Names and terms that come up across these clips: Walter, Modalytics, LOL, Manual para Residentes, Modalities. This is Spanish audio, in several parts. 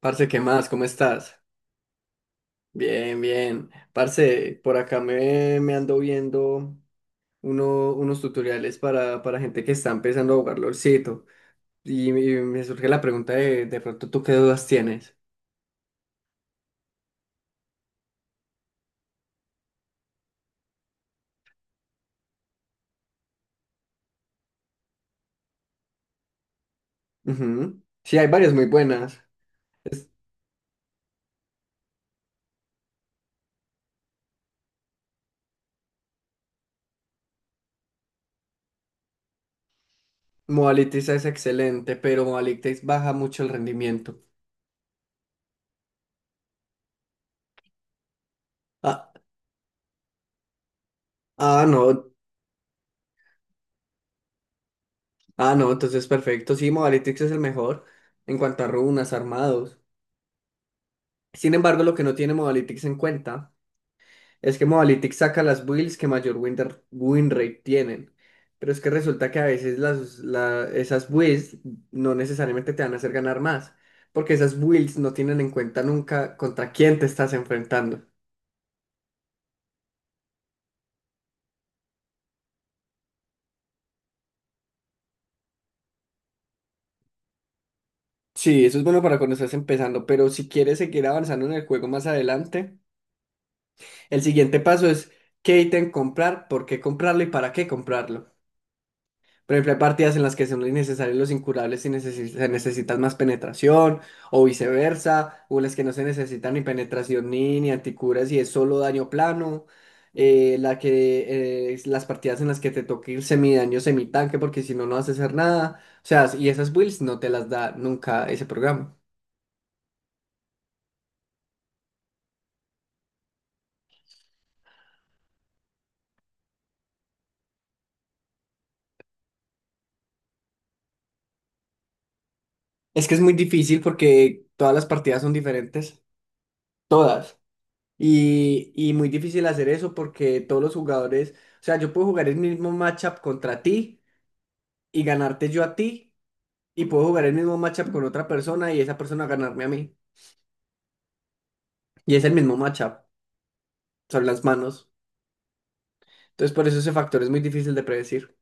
Parce, ¿qué más? ¿Cómo estás? Bien, bien. Parce, por acá me ando viendo unos tutoriales para gente que está empezando a jugar LOLcito. Y me surge la pregunta de pronto, ¿tú qué dudas tienes? Ujú. Sí, hay varias muy buenas. Es- Modalities es excelente, pero Modalities baja mucho el rendimiento. Ah, no. Ah, no, entonces perfecto. Sí, Modalities es el mejor en cuanto a runas, armados. Sin embargo, lo que no tiene Modalities en cuenta es que Modalytics saca las builds que mayor win rate tienen. Pero es que resulta que a veces esas builds no necesariamente te van a hacer ganar más. Porque esas builds no tienen en cuenta nunca contra quién te estás enfrentando. Sí, eso es bueno para cuando estás empezando. Pero si quieres seguir avanzando en el juego más adelante, el siguiente paso es qué ítem comprar, por qué comprarlo y para qué comprarlo. Por ejemplo, hay partidas en las que son innecesarios los incurables y se necesitan más penetración, o viceversa, o en las que no se necesita ni penetración ni anticuras y es solo daño plano. Es las partidas en las que te toca ir semidaño, semitanque, porque si no, no vas a hacer nada. O sea, y esas builds no te las da nunca ese programa. Es que es muy difícil porque todas las partidas son diferentes, todas. Y muy difícil hacer eso porque todos los jugadores, o sea, yo puedo jugar el mismo matchup contra ti y ganarte yo a ti y puedo jugar el mismo matchup con otra persona y esa persona ganarme a mí. Y es el mismo matchup, son las manos. Entonces por eso ese factor es muy difícil de predecir.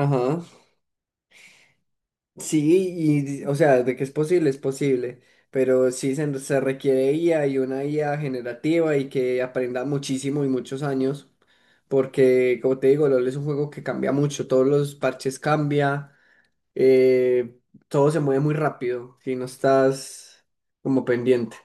Ajá. Sí, y o sea, de que es posible, pero sí se requiere IA y una IA generativa y que aprenda muchísimo y muchos años, porque como te digo, LOL es un juego que cambia mucho, todos los parches cambia, eh, todo se mueve muy rápido si no estás como pendiente.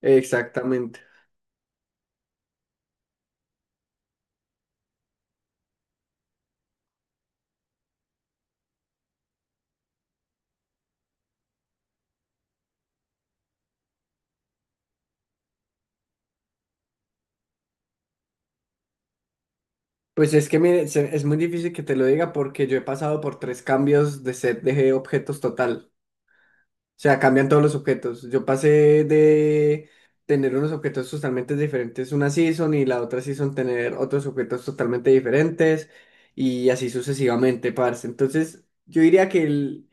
Exactamente. Pues es que mire, es muy difícil que te lo diga porque yo he pasado por tres cambios de set de objetos total. O sea, cambian todos los objetos. Yo pasé de tener unos objetos totalmente diferentes una season y la otra season tener otros objetos totalmente diferentes y así sucesivamente, parce. Entonces, yo diría que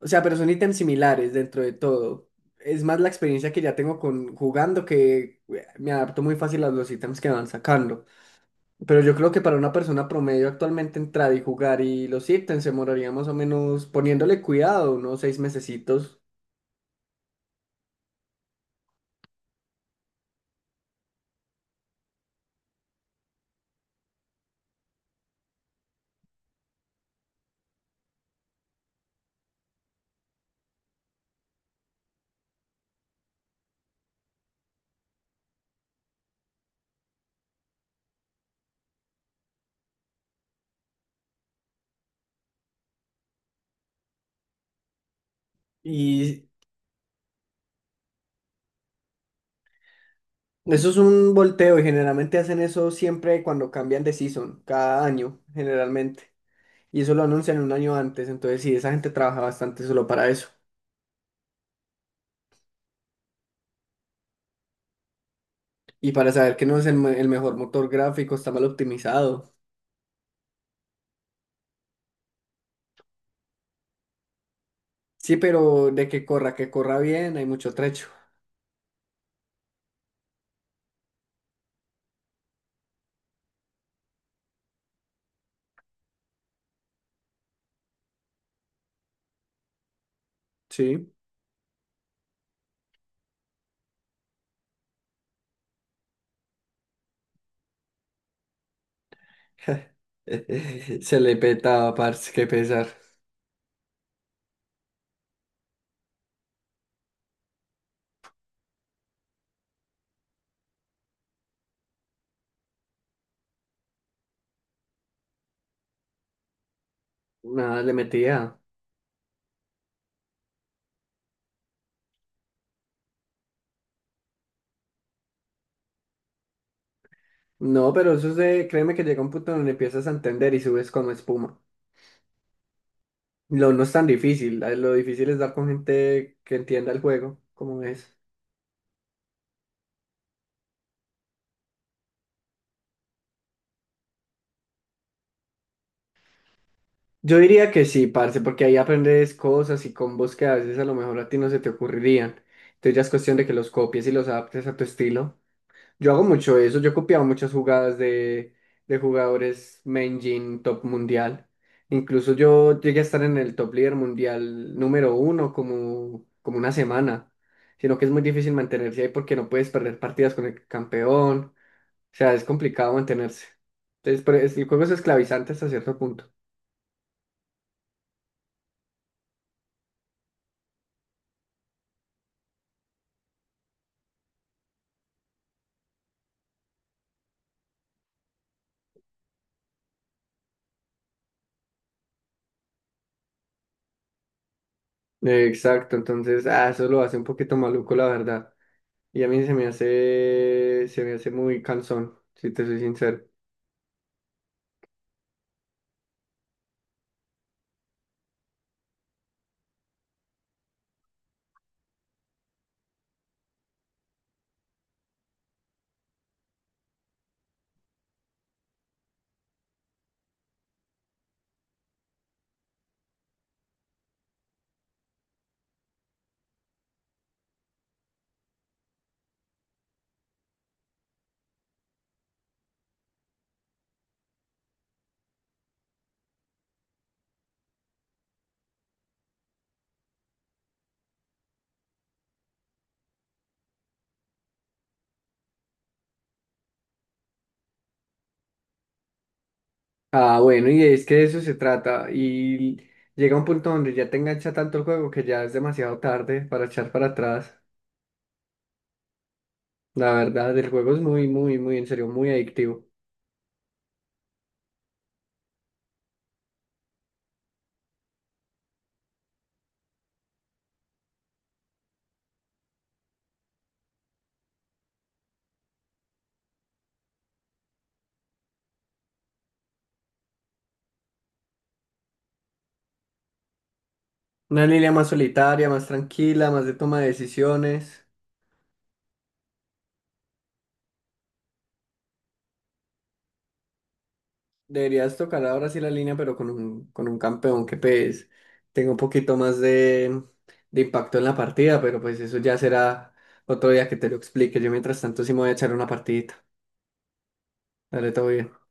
o sea, pero son ítems similares dentro de todo. Es más la experiencia que ya tengo con jugando que me adapto muy fácil a los ítems que van sacando. Pero yo creo que para una persona promedio actualmente entrar y jugar y los ítems se demoraría más o menos poniéndole cuidado, unos 6 mesecitos. Y eso es un volteo y generalmente hacen eso siempre cuando cambian de season, cada año, generalmente. Y eso lo anuncian un año antes, entonces sí, esa gente trabaja bastante solo para eso. Y para saber que no es el mejor motor gráfico, está mal optimizado. Sí, pero de que corra bien, hay mucho trecho. Sí. Se le petaba, parce, qué pesar. Nada, le metía. No, pero eso es de, créeme que llega un punto donde empiezas a entender y subes como espuma. Lo no es tan difícil, lo difícil es dar con gente que entienda el juego, como es. Yo diría que sí, parce, porque ahí aprendes cosas y combos que a veces a lo mejor a ti no se te ocurrirían. Entonces ya es cuestión de que los copies y los adaptes a tu estilo. Yo hago mucho eso, yo he copiado muchas jugadas de jugadores main gen top mundial. Incluso yo llegué a estar en el top líder mundial número 1 como, como una semana, sino que es muy difícil mantenerse ahí porque no puedes perder partidas con el campeón, o sea, es complicado mantenerse. Entonces, el juego es esclavizante hasta cierto punto. Exacto, entonces, ah, eso lo hace un poquito maluco, la verdad. Y a mí se me hace muy cansón, si te soy sincero. Ah, bueno, y es que de eso se trata. Y llega un punto donde ya te engancha tanto el juego que ya es demasiado tarde para echar para atrás. La verdad, el juego es en serio, muy adictivo. Una línea más solitaria, más tranquila, más de toma de decisiones. Deberías tocar ahora sí la línea, pero con con un campeón que pues tenga un poquito más de impacto en la partida, pero pues eso ya será otro día que te lo explique. Yo mientras tanto sí me voy a echar una partidita. Dale, todo bien.